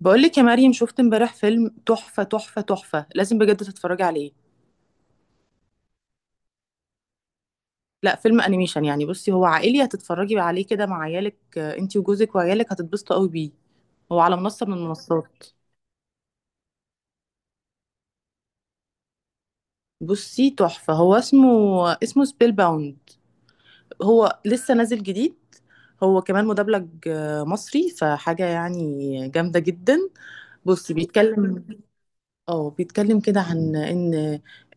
بقولك يا مريم، شفت امبارح فيلم تحفة تحفة تحفة. لازم بجد تتفرجي عليه. لا، فيلم انيميشن، يعني بصي هو عائلي هتتفرجي عليه كده مع عيالك، انتي وجوزك وعيالك هتتبسطوا قوي بيه. هو على منصة من المنصات. بصي، تحفة هو اسمه سبيل باوند. هو لسه نازل جديد. هو كمان مدبلج، مصري، فحاجة يعني جامدة جدا. بصي بيتكلم اه بيتكلم كده عن ان،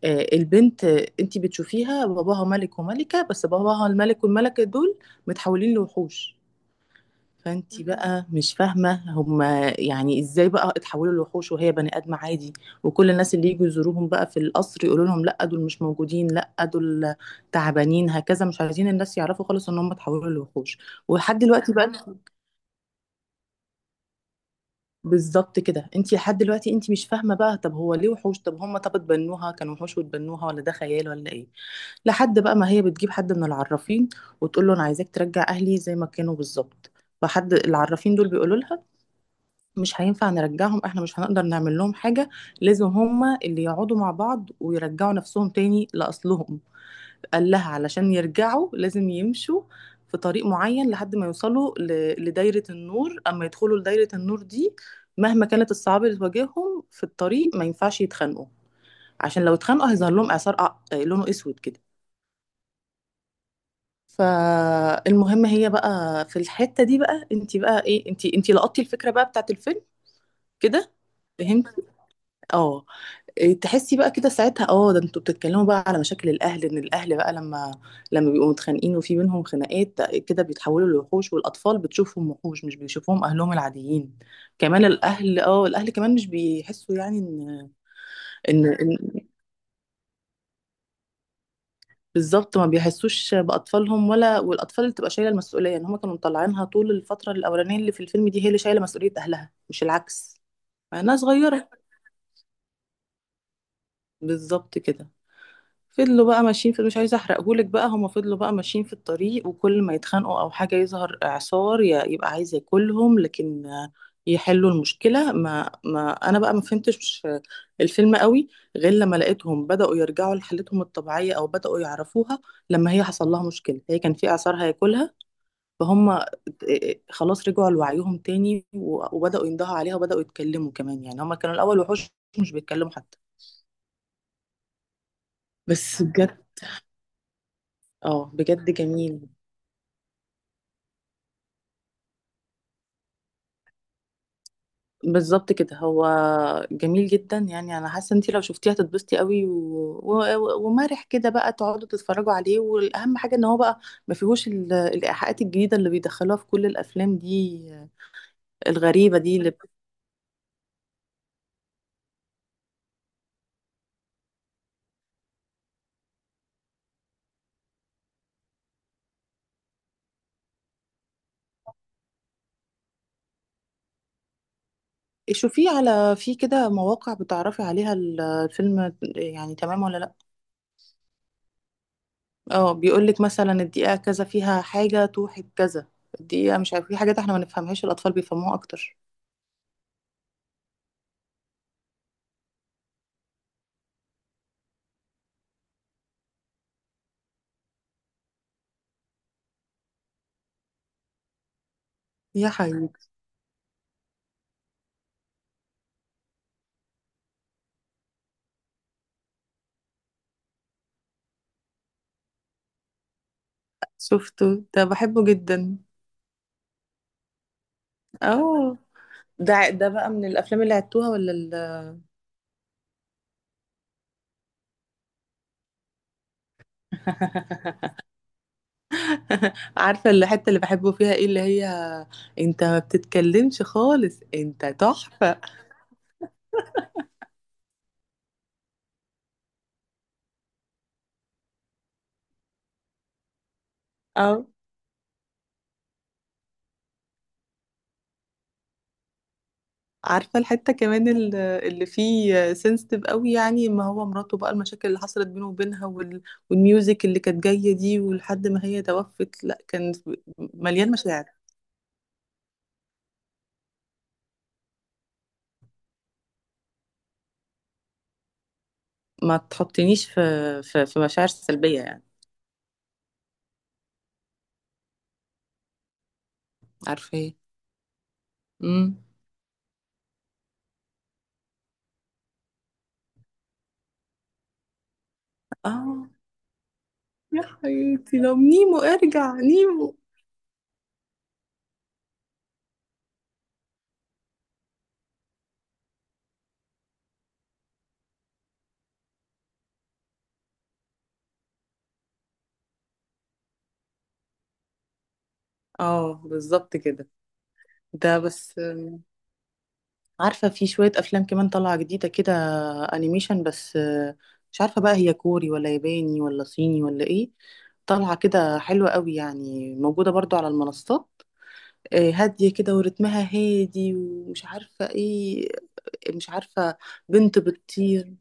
البنت انتي بتشوفيها باباها ملك وملكة، بس باباها الملك والملكة دول متحولين لوحوش. فانتي بقى مش فاهمة هما يعني ازاي بقى اتحولوا لوحوش وهي بني ادم عادي. وكل الناس اللي يجوا يزوروهم بقى في القصر يقولوا لهم لا، دول مش موجودين، لا دول تعبانين، هكذا، مش عايزين الناس يعرفوا خالص ان هم اتحولوا لوحوش. ولحد دلوقتي بقى، بالظبط كده، انت لحد دلوقتي انت مش فاهمه بقى طب هو ليه وحوش؟ طب هم، طب اتبنوها كانوا وحوش واتبنوها، ولا ده خيال، ولا ايه؟ لحد بقى ما هي بتجيب حد من العرافين وتقول له انا عايزاك ترجع اهلي زي ما كانوا بالظبط. فحد العرافين دول بيقولوا لها مش هينفع نرجعهم، احنا مش هنقدر نعمل لهم حاجه. لازم هم اللي يقعدوا مع بعض ويرجعوا نفسهم تاني لاصلهم. قال لها علشان يرجعوا لازم يمشوا في طريق معين لحد ما يوصلوا لدايرة النور. أما يدخلوا لدايرة النور دي، مهما كانت الصعاب اللي تواجههم في الطريق، ما ينفعش يتخانقوا، عشان لو اتخانقوا هيظهر لهم إعصار لونه أسود كده. فالمهم هي بقى، في الحتة دي بقى، انت بقى ايه، انت لقطتي الفكرة بقى بتاعت الفيلم كده. فهمتي؟ اه. إيه، تحسي بقى كده ساعتها، اه ده انتوا بتتكلموا بقى على مشاكل الاهل، ان الاهل بقى لما بيبقوا متخانقين وفي بينهم خناقات، ده كده بيتحولوا لوحوش، والاطفال بتشوفهم وحوش، مش بيشوفوهم اهلهم العاديين. كمان الاهل، الاهل كمان مش بيحسوا، يعني إن بالظبط ما بيحسوش باطفالهم ولا، والاطفال اللي تبقى شايله المسؤوليه ان هم كانوا مطلعينها طول الفتره الاولانيه اللي في الفيلم دي، هي اللي شايله مسؤوليه اهلها مش العكس، مع انها صغيره. بالظبط كده. فضلوا بقى ماشيين في، مش عايزه احرقهولك بقى، هما فضلوا بقى ماشيين في الطريق، وكل ما يتخانقوا او حاجه يظهر اعصار يبقى عايز ياكلهم، لكن يحلوا المشكله. ما انا بقى ما فهمتش الفيلم قوي غير لما لقيتهم بداوا يرجعوا لحالتهم الطبيعيه، او بداوا يعرفوها لما هي حصل لها مشكله، هي كان في اعصار هياكلها، فهم خلاص رجعوا لوعيهم تاني، وبداوا يندهوا عليها، وبداوا يتكلموا كمان. يعني هما كانوا الاول وحوش مش بيتكلموا حتى. بس بجد. اه بجد جميل. بالظبط كده هو. جميل جدا، يعني انا حاسه انت لو شفتيه هتتبسطي قوي ومرح كده، بقى تقعدوا تتفرجوا عليه. والاهم حاجه ان هو بقى ما فيهوش الايحاءات الجديده اللي بيدخلوها في كل الافلام دي الغريبه دي اللي شوفيه على، في كده مواقع بتعرفي عليها الفيلم يعني تمام ولا لا؟ اه بيقول لك مثلا الدقيقه كذا فيها حاجه توحي بكذا، الدقيقه مش عارف، في حاجات احنا ما نفهمهاش الاطفال بيفهموها اكتر. يا حبيبي، شفته، ده بحبه جدا. اه، ده ده بقى من الافلام اللي عدتوها، ولا ال... عارفه الحته اللي بحبه فيها ايه، اللي هي انت ما بتتكلمش خالص؟ انت تحفه. اه. عارفه الحته كمان، اللي فيه سنسيتيف قوي، يعني ما هو مراته بقى، المشاكل اللي حصلت بينه وبينها والميوزك اللي كانت جايه دي، ولحد ما هي توفت، لا كان مليان مشاعر. ما تحطنيش في، في مشاعر سلبيه يعني. عارفه ايه؟ امم. اه، يا حياتي، لو نيمو، ارجع نيمو. اه بالظبط كده. ده بس عارفة في شوية أفلام كمان طالعة جديدة كده، أنيميشن، بس مش عارفة بقى هي كوري ولا ياباني ولا صيني ولا إيه، طالعة كده حلوة قوي، يعني موجودة برضو على المنصات، هادية كده ورتمها هادي ومش عارفة إيه. مش عارفة، بنت بتطير.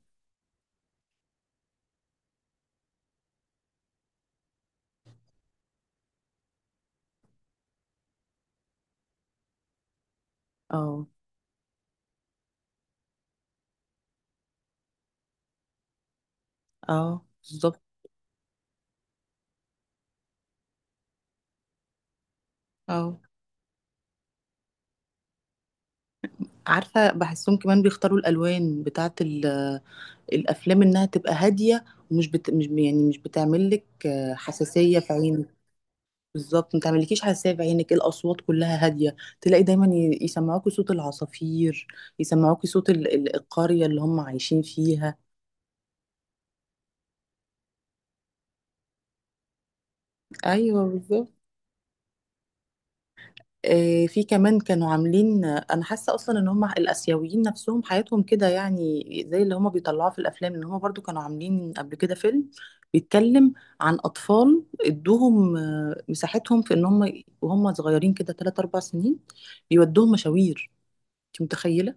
اه. اه بالظبط. اه عارفة، بحسهم كمان بيختاروا الألوان بتاعة الافلام انها تبقى هاديه، ومش مش يعني مش بتعمل لك حساسيه في عينك. بالظبط، ما تعملكيش حساسيه في عينك. الاصوات كلها هاديه، تلاقي دايما يسمعوكي صوت العصافير، يسمعوكي صوت القريه اللي هم عايشين فيها. ايوه بالظبط. في كمان كانوا عاملين، انا حاسه اصلا ان هم الاسيويين نفسهم حياتهم كده يعني، زي اللي هم بيطلعوه في الافلام. ان هم برضو كانوا عاملين قبل كده فيلم بيتكلم عن اطفال ادوهم مساحتهم، في ان هم وهم صغيرين كده 3 4 سنين بيودوهم مشاوير. انت متخيله؟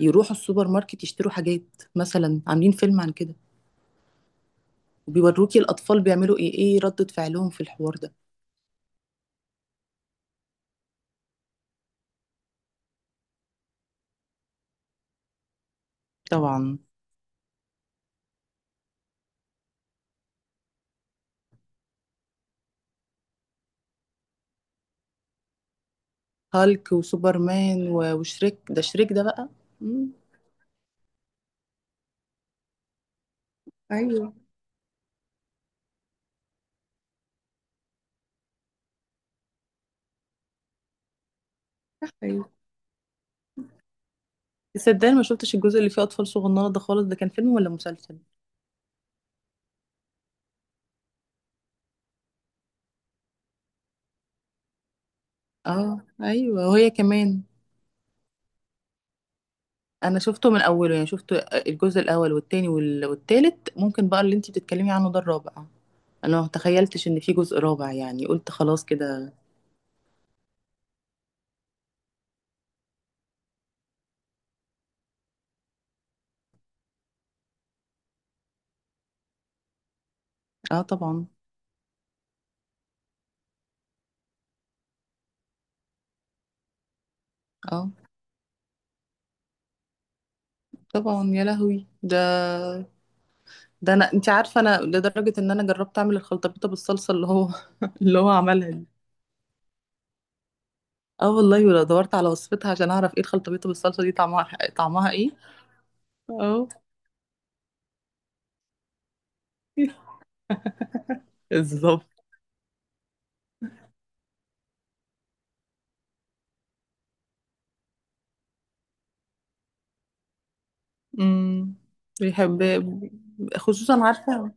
يروحوا السوبر ماركت يشتروا حاجات، مثلا عاملين فيلم عن كده. وبيوروكي الاطفال بيعملوا ايه، ايه ردة فعلهم في الحوار ده. طبعا. هالك وسوبرمان وشريك، ده شريك ده بقى. ايوه. صح ايوه. صدقني ما شفتش الجزء اللي فيه اطفال صغننه ده خالص، ده كان فيلم ولا مسلسل؟ اه ايوه، وهي كمان. انا شفته من اوله، يعني شفت الجزء الاول والتاني والتالت، ممكن بقى اللي انتي بتتكلمي عنه ده الرابع. انا ما تخيلتش ان في جزء رابع، يعني قلت خلاص كده. اه طبعا. اه طبعا، يا لهوي ده. ده انا، انتي عارفه انا لدرجه ان انا جربت اعمل الخلطبيطه بالصلصه اللي هو، اللي هو عملها دي. اه والله، ولا دورت على وصفتها عشان اعرف ايه الخلطبيطه بالصلصه دي طعمها، طعمها ايه. اه. بالظبط. امم. بيحب. خصوصا عارفة.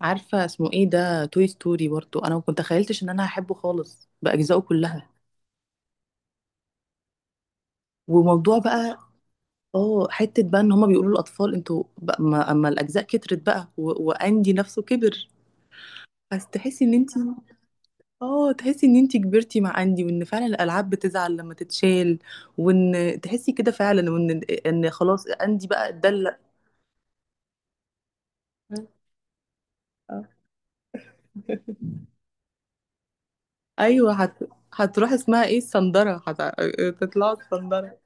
عارفة اسمه ايه ده، توي ستوري، برضو انا ما كنت تخيلتش ان انا هحبه خالص باجزائه كلها. وموضوع بقى، اه، حتة بقى ان هما بيقولوا للاطفال انتوا بقى، ما اما الاجزاء كترت بقى واندي نفسه كبر. بس تحسي ان انتي، اه تحسي ان انتي كبرتي مع اندي، وان فعلا الالعاب بتزعل لما تتشال، وان تحسي كده فعلا، وان خلاص اندي بقى اتدلق. آه. ايوه هتروح اسمها ايه، الصندره، تطلعوا الصندره.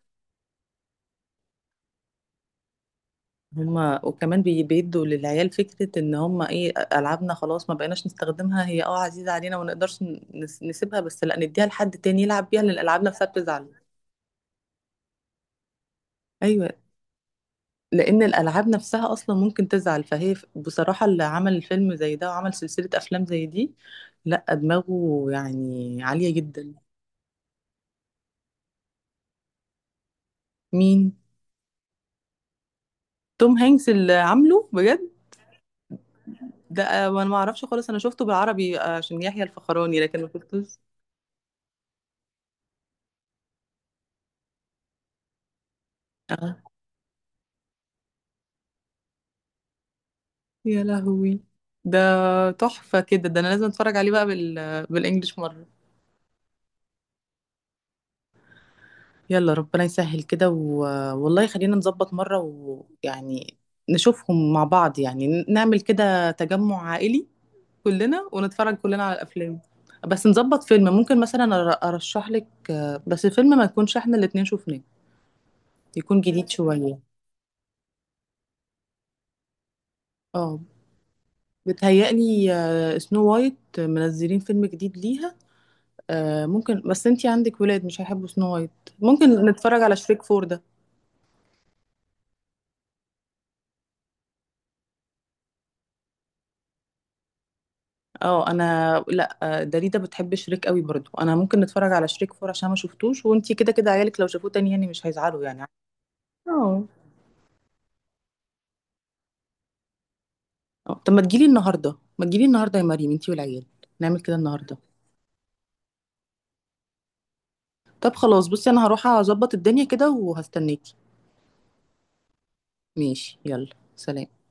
هما وكمان بيدوا للعيال فكره ان هما ايه، العابنا خلاص ما بقيناش نستخدمها، هي اه عزيزه علينا وما نقدرش نسيبها بس، لا نديها لحد تاني يلعب بيها لان الالعاب نفسها بتزعل. ايوه، لان الالعاب نفسها اصلا ممكن تزعل، فهي بصراحه اللي عمل الفيلم زي ده وعمل سلسله افلام زي دي، لا دماغه يعني عاليه جدا. مين؟ توم هانكس اللي عامله بجد؟ ده وانا ما اعرفش خالص، انا شفته بالعربي عشان يحيى الفخراني، لكن ما شفتوش. اه يا لهوي. ده تحفة كده، ده انا لازم اتفرج عليه بقى بالانجلش مرة. يلا ربنا يسهل كده والله خلينا نظبط مرة، ويعني نشوفهم مع بعض، يعني نعمل كده تجمع عائلي كلنا، ونتفرج كلنا على الافلام. بس نظبط فيلم، ممكن مثلا ارشح لك بس فيلم ما يكونش احنا الاتنين شفناه، يكون جديد شوية. اه. بتهيألي سنو وايت منزلين فيلم جديد ليها، ممكن، بس انتي عندك ولاد مش هيحبوا سنو وايت. ممكن نتفرج على شريك فور ده. اه انا، لا داليدا بتحب شريك قوي برضو، انا ممكن نتفرج على شريك فور عشان ما شفتوش، وانتي كده كده عيالك لو شافوه تاني يعني مش هيزعلوا يعني. اه. طب ما تجيلي النهارده، ما تجيلي النهارده يا مريم انتي والعيال، نعمل كده النهارده. طب خلاص، بصي انا هروح اظبط الدنيا كده وهستناكي. ماشي، يلا. سلام.